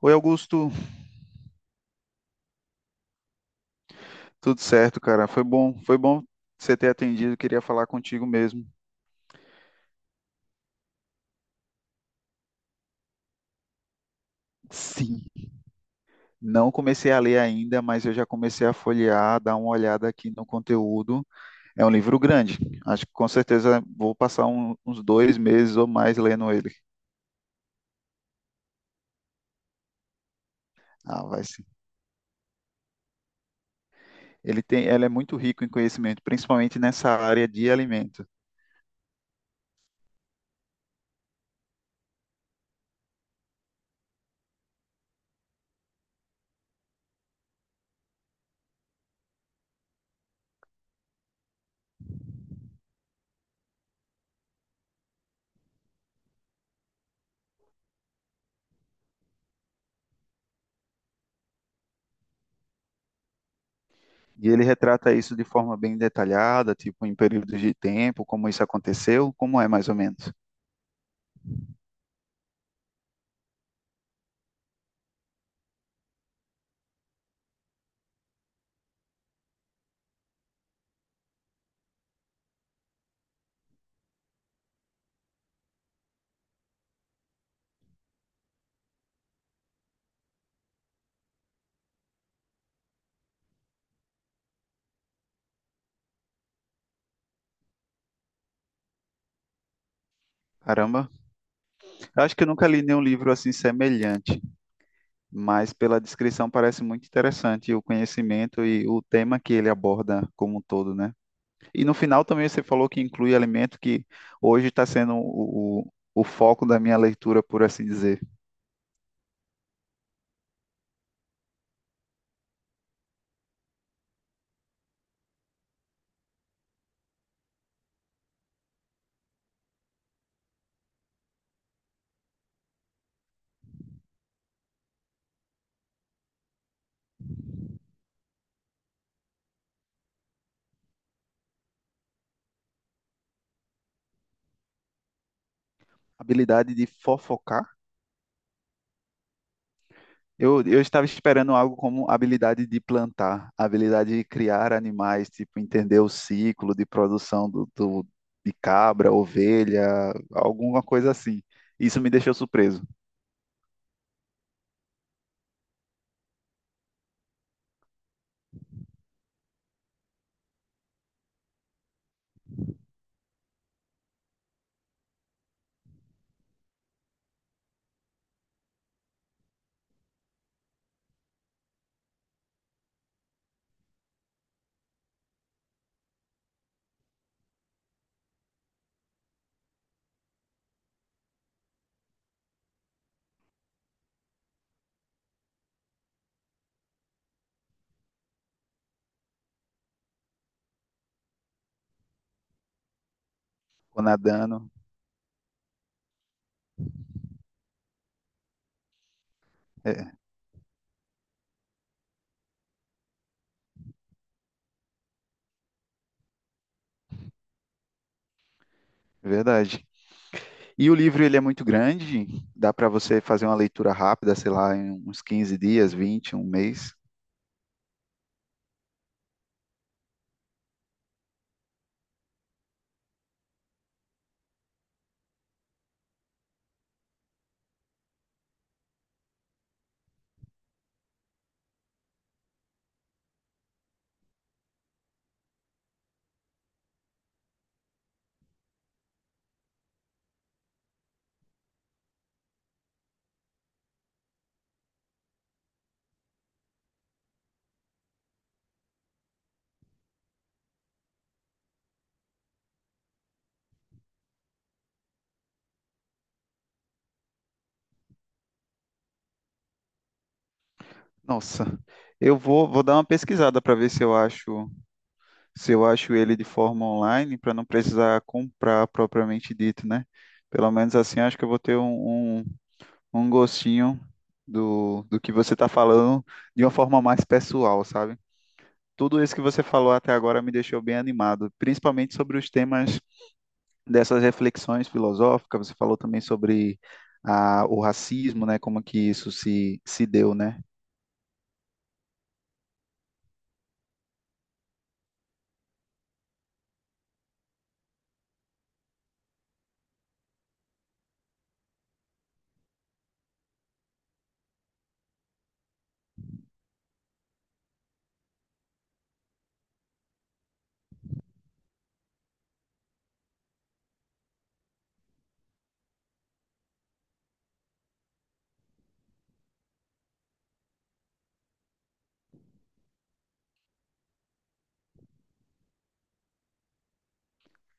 Oi, Augusto. Tudo certo, cara? Foi bom você ter atendido. Queria falar contigo mesmo. Sim, não comecei a ler ainda, mas eu já comecei a folhear, dar uma olhada aqui no conteúdo. É um livro grande. Acho que com certeza vou passar uns dois meses ou mais lendo ele. Ah, vai sim. Ele é muito rico em conhecimento, principalmente nessa área de alimento. E ele retrata isso de forma bem detalhada, tipo em períodos de tempo, como isso aconteceu, como é mais ou menos. Caramba, Eu acho que eu nunca li nenhum livro assim semelhante, mas pela descrição parece muito interessante o conhecimento e o tema que ele aborda como um todo, né? E no final também você falou que inclui alimento que hoje está sendo o foco da minha leitura, por assim dizer. Habilidade de fofocar? Eu estava esperando algo como habilidade de plantar, habilidade de criar animais, tipo entender o ciclo de produção de cabra, ovelha, alguma coisa assim. Isso me deixou surpreso. Ficou nadando. É verdade. E o livro ele é muito grande, dá para você fazer uma leitura rápida, sei lá, em uns 15 dias, 20, um mês. Nossa, eu vou dar uma pesquisada para ver se eu acho ele de forma online, para não precisar comprar propriamente dito, né? Pelo menos assim, acho que eu vou ter um gostinho do que você está falando de uma forma mais pessoal, sabe? Tudo isso que você falou até agora me deixou bem animado, principalmente sobre os temas dessas reflexões filosóficas. Você falou também sobre o racismo, né? Como que se deu, né?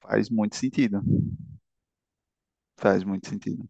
Faz muito sentido. Faz muito sentido.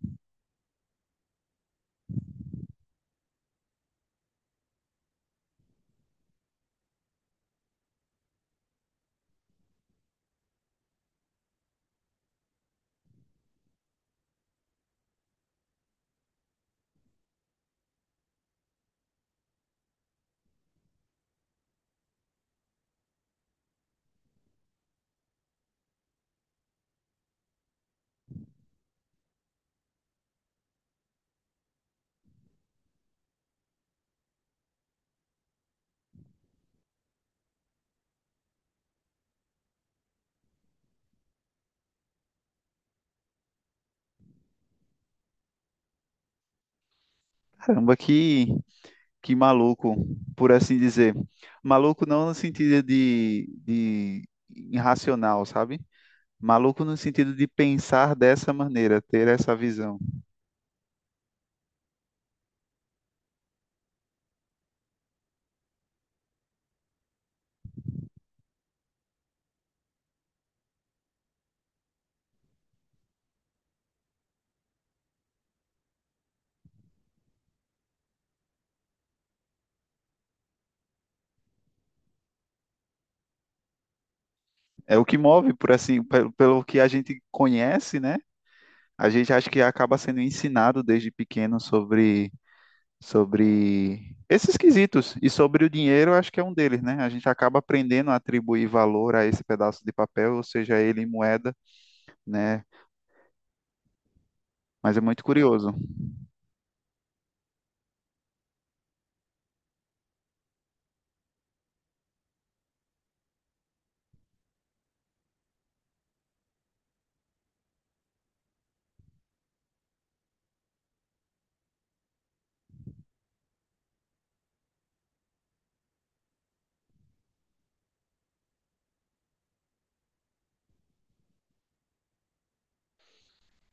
Caramba, que maluco, por assim dizer. Maluco não no sentido de irracional, sabe? Maluco no sentido de pensar dessa maneira, ter essa visão. É o que move, por assim, pelo que a gente conhece, né? A gente acha que acaba sendo ensinado desde pequeno sobre esses quesitos. E sobre o dinheiro, eu acho que é um deles, né? A gente acaba aprendendo a atribuir valor a esse pedaço de papel, ou seja, ele em moeda, né? Mas é muito curioso.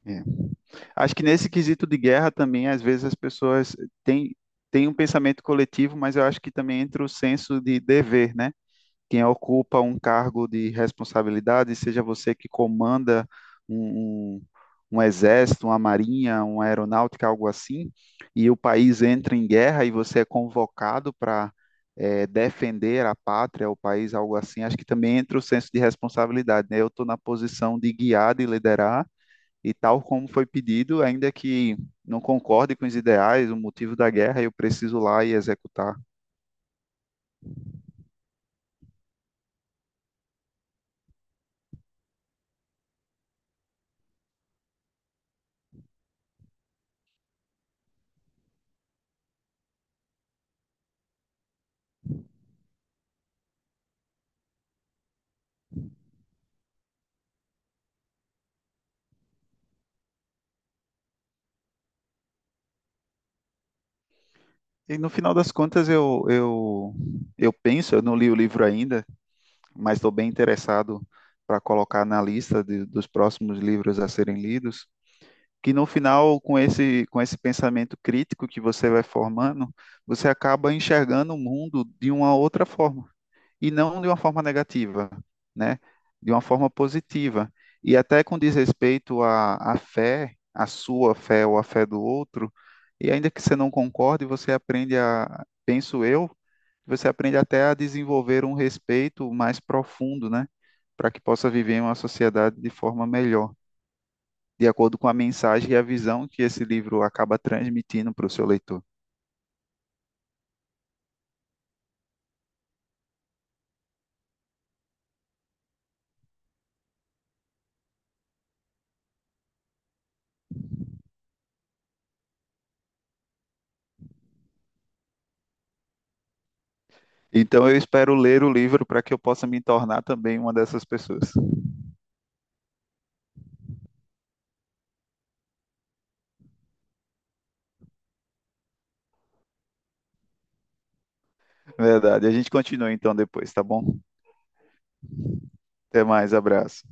É. Acho que nesse quesito de guerra também, às vezes as pessoas têm, têm um pensamento coletivo, mas eu acho que também entra o senso de dever, né? Quem ocupa um cargo de responsabilidade, seja você que comanda um, um, um exército, uma marinha, uma aeronáutica, algo assim, e o país entra em guerra e você é convocado para defender a pátria, o país, algo assim, acho que também entra o senso de responsabilidade, né? Eu estou na posição de guiar, de liderar e tal como foi pedido, ainda que não concorde com os ideais, o motivo da guerra, eu preciso ir lá e executar. E no final das contas, eu penso, eu não li o livro ainda, mas estou bem interessado para colocar na lista dos próximos livros a serem lidos. Que no final, com com esse pensamento crítico que você vai formando, você acaba enxergando o mundo de uma outra forma, e não de uma forma negativa, né? De uma forma positiva. E até com desrespeito à fé, à sua fé ou à fé do outro, e ainda que você não concorde, você aprende a, penso eu, você aprende até a desenvolver um respeito mais profundo, né? Para que possa viver em uma sociedade de forma melhor de acordo com a mensagem e a visão que esse livro acaba transmitindo para o seu leitor. Então eu espero ler o livro para que eu possa me tornar também uma dessas pessoas. Verdade. A gente continua então depois, tá bom? Até mais, abraço.